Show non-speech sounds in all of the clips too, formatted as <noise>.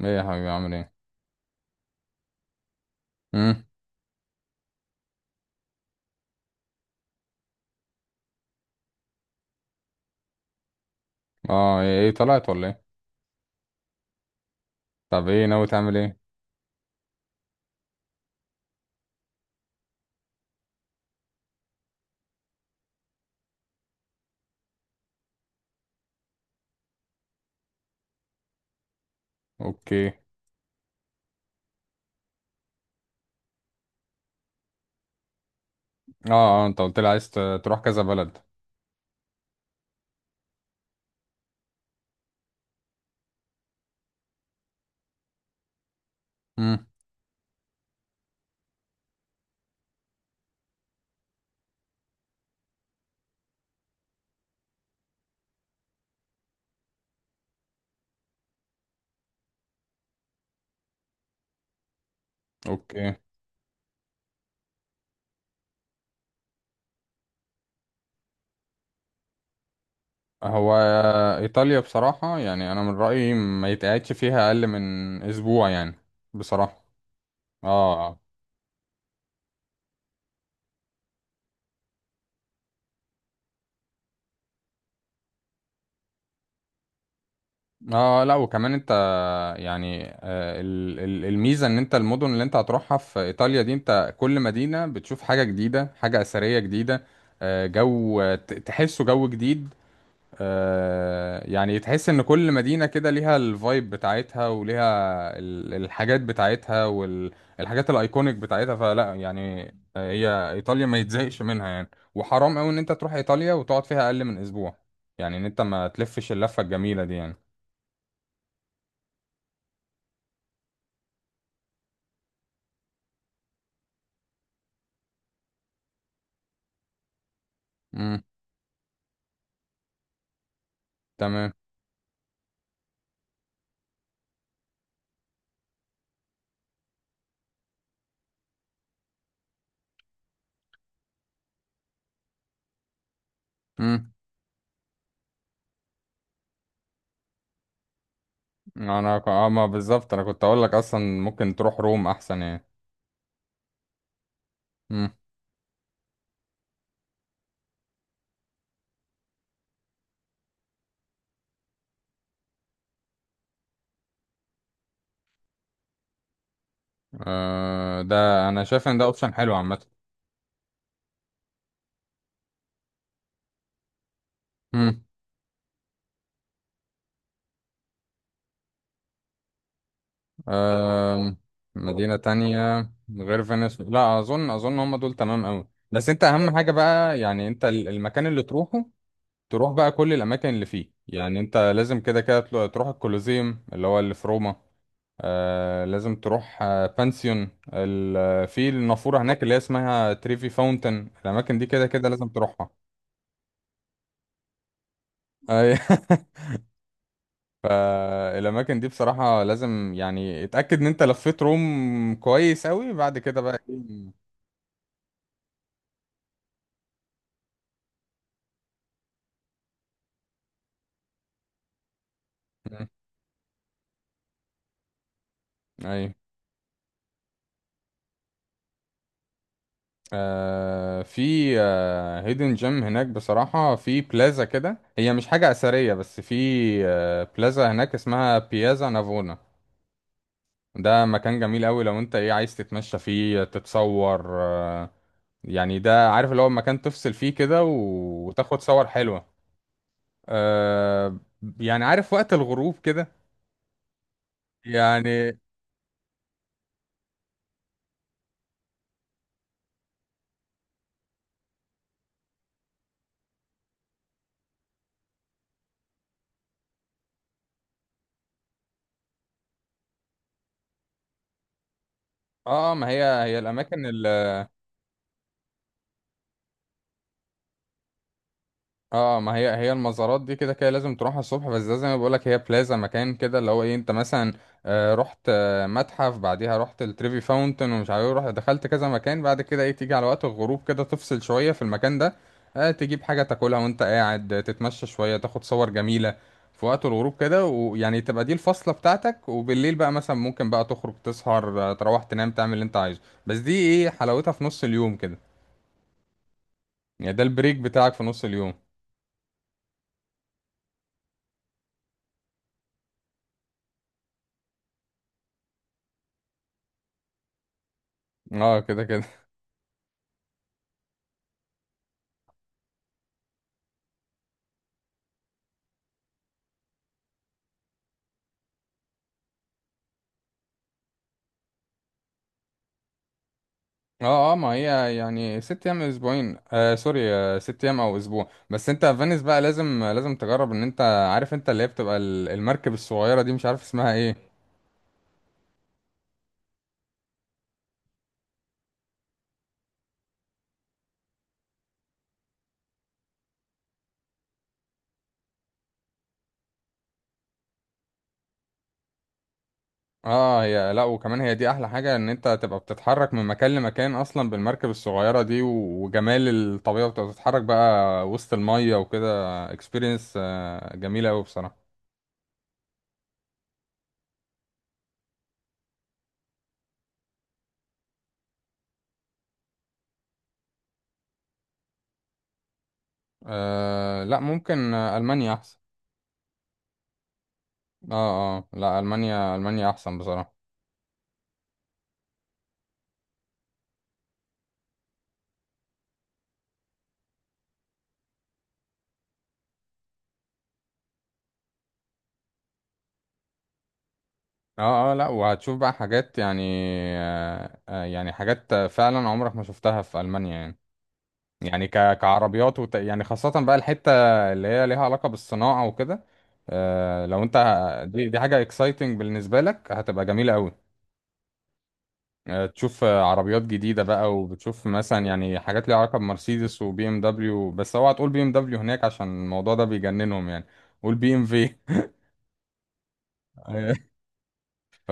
ايه يا حبيبي، عامل ايه؟ امم. اه، إيه طلعت ولا ايه؟ طب، ايه ناوي تعمل ايه؟ اوكي. اه، اه، انت قلت لي عايز تروح كذا بلد. امم. اوكي. هو ايطاليا بصراحة، يعني انا من رأيي ما يتقعدش فيها اقل من اسبوع يعني. بصراحة. اه، اه. اه، لا وكمان انت، يعني الميزة ان انت المدن اللي انت هتروحها في ايطاليا دي، انت كل مدينة بتشوف حاجة جديدة، حاجة اثرية جديدة. جو تحسه جو جديد. يعني تحس ان كل مدينة كده ليها الفايب بتاعتها وليها الحاجات بتاعتها والحاجات الايكونيك بتاعتها، فلا يعني. هي ايطاليا ما يتزهقش منها يعني، وحرام قوي ان انت تروح ايطاليا وتقعد فيها اقل من اسبوع. يعني ان انت ما تلفش اللفة الجميلة دي يعني. امم. تمام. امم. انا ك- اه ما بالظبط، انا كنت اقول لك اصلا ممكن تروح روم احسن يعني. امم. ده انا شايف ان ده اوبشن حلو عامة. آم، مدينة تانية. غير فينيس لا أظن هم دول تمام أوي، بس أنت أهم حاجة بقى يعني أنت المكان اللي تروحه، تروح بقى كل الأماكن اللي فيه. يعني أنت لازم كده كده تروح الكولوزيوم اللي هو اللي في روما. لازم تروح بانسيون في النافورة هناك اللي هي اسمها تريفي فاونتن. الأماكن دي كده كده لازم تروحها. أي- <laughs> الأماكن دي بصراحة لازم يعني اتأكد إن أنت لفيت روم كويس أوي، بعد كده بقى إيه. م- أيوه. في هيدن جيم هناك بصراحة، في بلازا كده، هي مش حاجة أثرية بس في بلازا هناك اسمها بيازا نافونا. ده مكان جميل أوي، لو أنت إيه عايز تتمشى فيه تتصور، يعني ده عارف اللي هو مكان تفصل فيه كده، وتاخد صور حلوة. آه، يعني عارف، وقت الغروب كده. يعني. اه، ما هي هي الأماكن. اه، ما هي هي المزارات دي كده كده لازم تروحها الصبح، بس ده زي ما بقولك هي بلازا مكان كده اللي هو ايه، انت مثلا رحت متحف، بعديها رحت التريفي فاونتن ومش عارف ايه، رحت دخلت كذا مكان بعد كده، ايه تيجي على وقت الغروب كده تفصل شوية في المكان ده. تجيب حاجة تاكلها وانت قاعد، تتمشى شوية، تاخد صور جميلة في وقت الغروب كده، ويعني تبقى دي الفصلة بتاعتك، وبالليل بقى مثلا ممكن بقى تخرج تسهر، تروح تنام تعمل اللي انت عايزه، بس دي ايه حلاوتها في نص اليوم كده. يعني ده البريك بتاعك في نص اليوم. اه، كده كده. اه، اه، ما هي يعني ست ايام، اسبوعين سوري ست ايام او اسبوع، بس انت فينيس بقى لازم لازم تجرب ان انت عارف انت اللي هي بتبقى المركب الصغيره دي، مش عارف اسمها ايه. اه، هي لا وكمان هي دي احلى حاجه ان انت تبقى بتتحرك من مكان لمكان اصلا بالمركب الصغيره دي، وجمال الطبيعه بتبقى بتتحرك بقى وسط الميه وكده. اكسبيرينس جميله قوي بصراحه. لا ممكن، المانيا احسن. اه، اه، لا المانيا المانيا احسن بصراحه. اه، اه، لا وهتشوف بقى حاجات يعني، يعني حاجات فعلا عمرك ما شفتها في ألمانيا يعني. يعني كعربيات يعني خاصة بقى الحتة اللي هي ليها علاقة بالصناعة وكده. لو انت، دي حاجة اكسايتنج بالنسبة لك، هتبقى جميلة قوي. تشوف عربيات جديدة بقى، وبتشوف مثلا يعني حاجات ليها علاقة بمرسيدس وبي ام دبليو، بس اوعى تقول بي ام دبليو هناك عشان الموضوع ده بيجننهم يعني. قول بي ام في. <laughs> ف...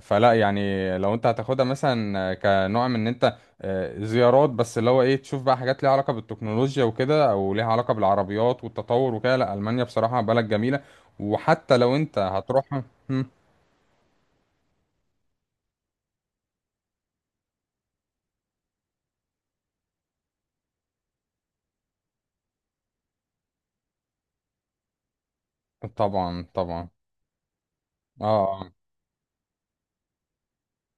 فلا يعني، لو انت هتاخدها مثلا كنوع من ان انت زيارات، بس اللي هو ايه تشوف بقى حاجات ليها علاقة بالتكنولوجيا وكده، او ليها علاقة بالعربيات والتطور وكده، لا ألمانيا بصراحة بلد جميلة. وحتى لو انت هتروح. مم. طبعا، طبعا. اه،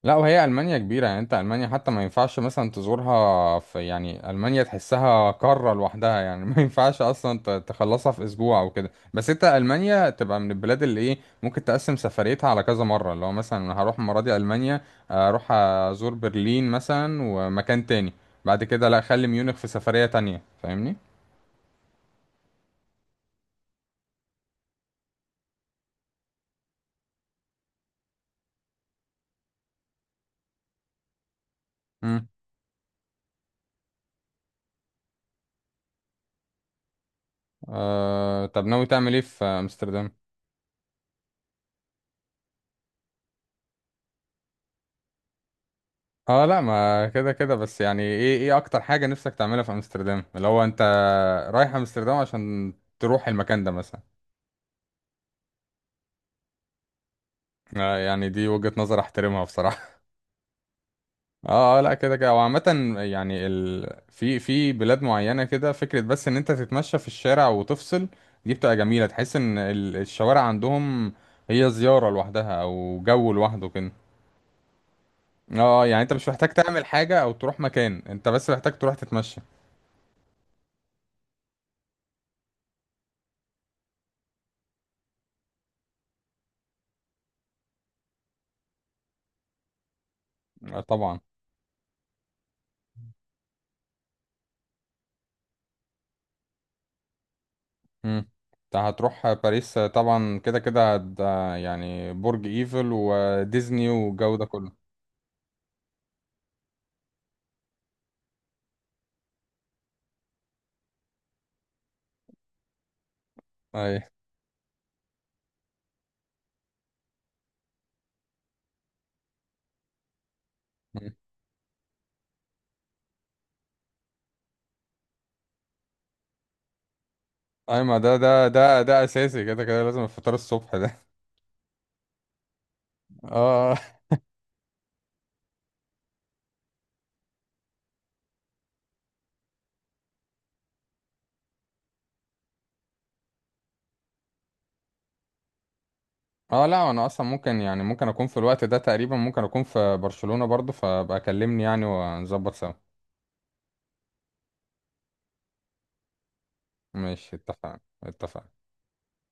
لا وهي المانيا كبيره، يعني انت المانيا حتى ما ينفعش مثلا تزورها في، يعني المانيا تحسها قاره لوحدها يعني. <laughs> ما ينفعش اصلا تخلصها في اسبوع او كده، بس انت المانيا تبقى من البلاد اللي ايه ممكن تقسم سفريتها على كذا مره، اللي هو مثلا انا هروح المره دي المانيا، اروح ازور برلين مثلا ومكان تاني، بعد كده لا خلي ميونخ في سفريه تانية، فاهمني؟ امم. طب، ناوي تعمل ايه في امستردام؟ اه، لا ما كده كده، بس يعني ايه اكتر حاجه نفسك تعملها في امستردام اللي هو انت رايح امستردام عشان تروح المكان ده مثلا؟ يعني دي وجهة نظر احترمها بصراحة. <laughs> اه، لا كده كده، وعامة يعني في بلاد معينة كده فكرة بس ان انت تتمشى في الشارع وتفصل، دي بتبقى جميلة، تحس ان الشوارع عندهم هي زيارة لوحدها او جو لوحده كده. اه، يعني انت مش محتاج تعمل حاجة او تروح مكان، انت بس محتاج تروح تتمشى. طبعا. مم. انت هتروح باريس، طبعا كده كده يعني برج ايفل وديزني والجو ده كله. اي، اي، ما ده اساسي، كده كده لازم الفطار الصبح ده. اه، اه، لا انا اصلا ممكن، يعني ممكن اكون في الوقت ده تقريبا، ممكن اكون في برشلونة برضو، فبقى كلمني يعني ونظبط سوا. ماشي، اتفقنا، اتفقنا.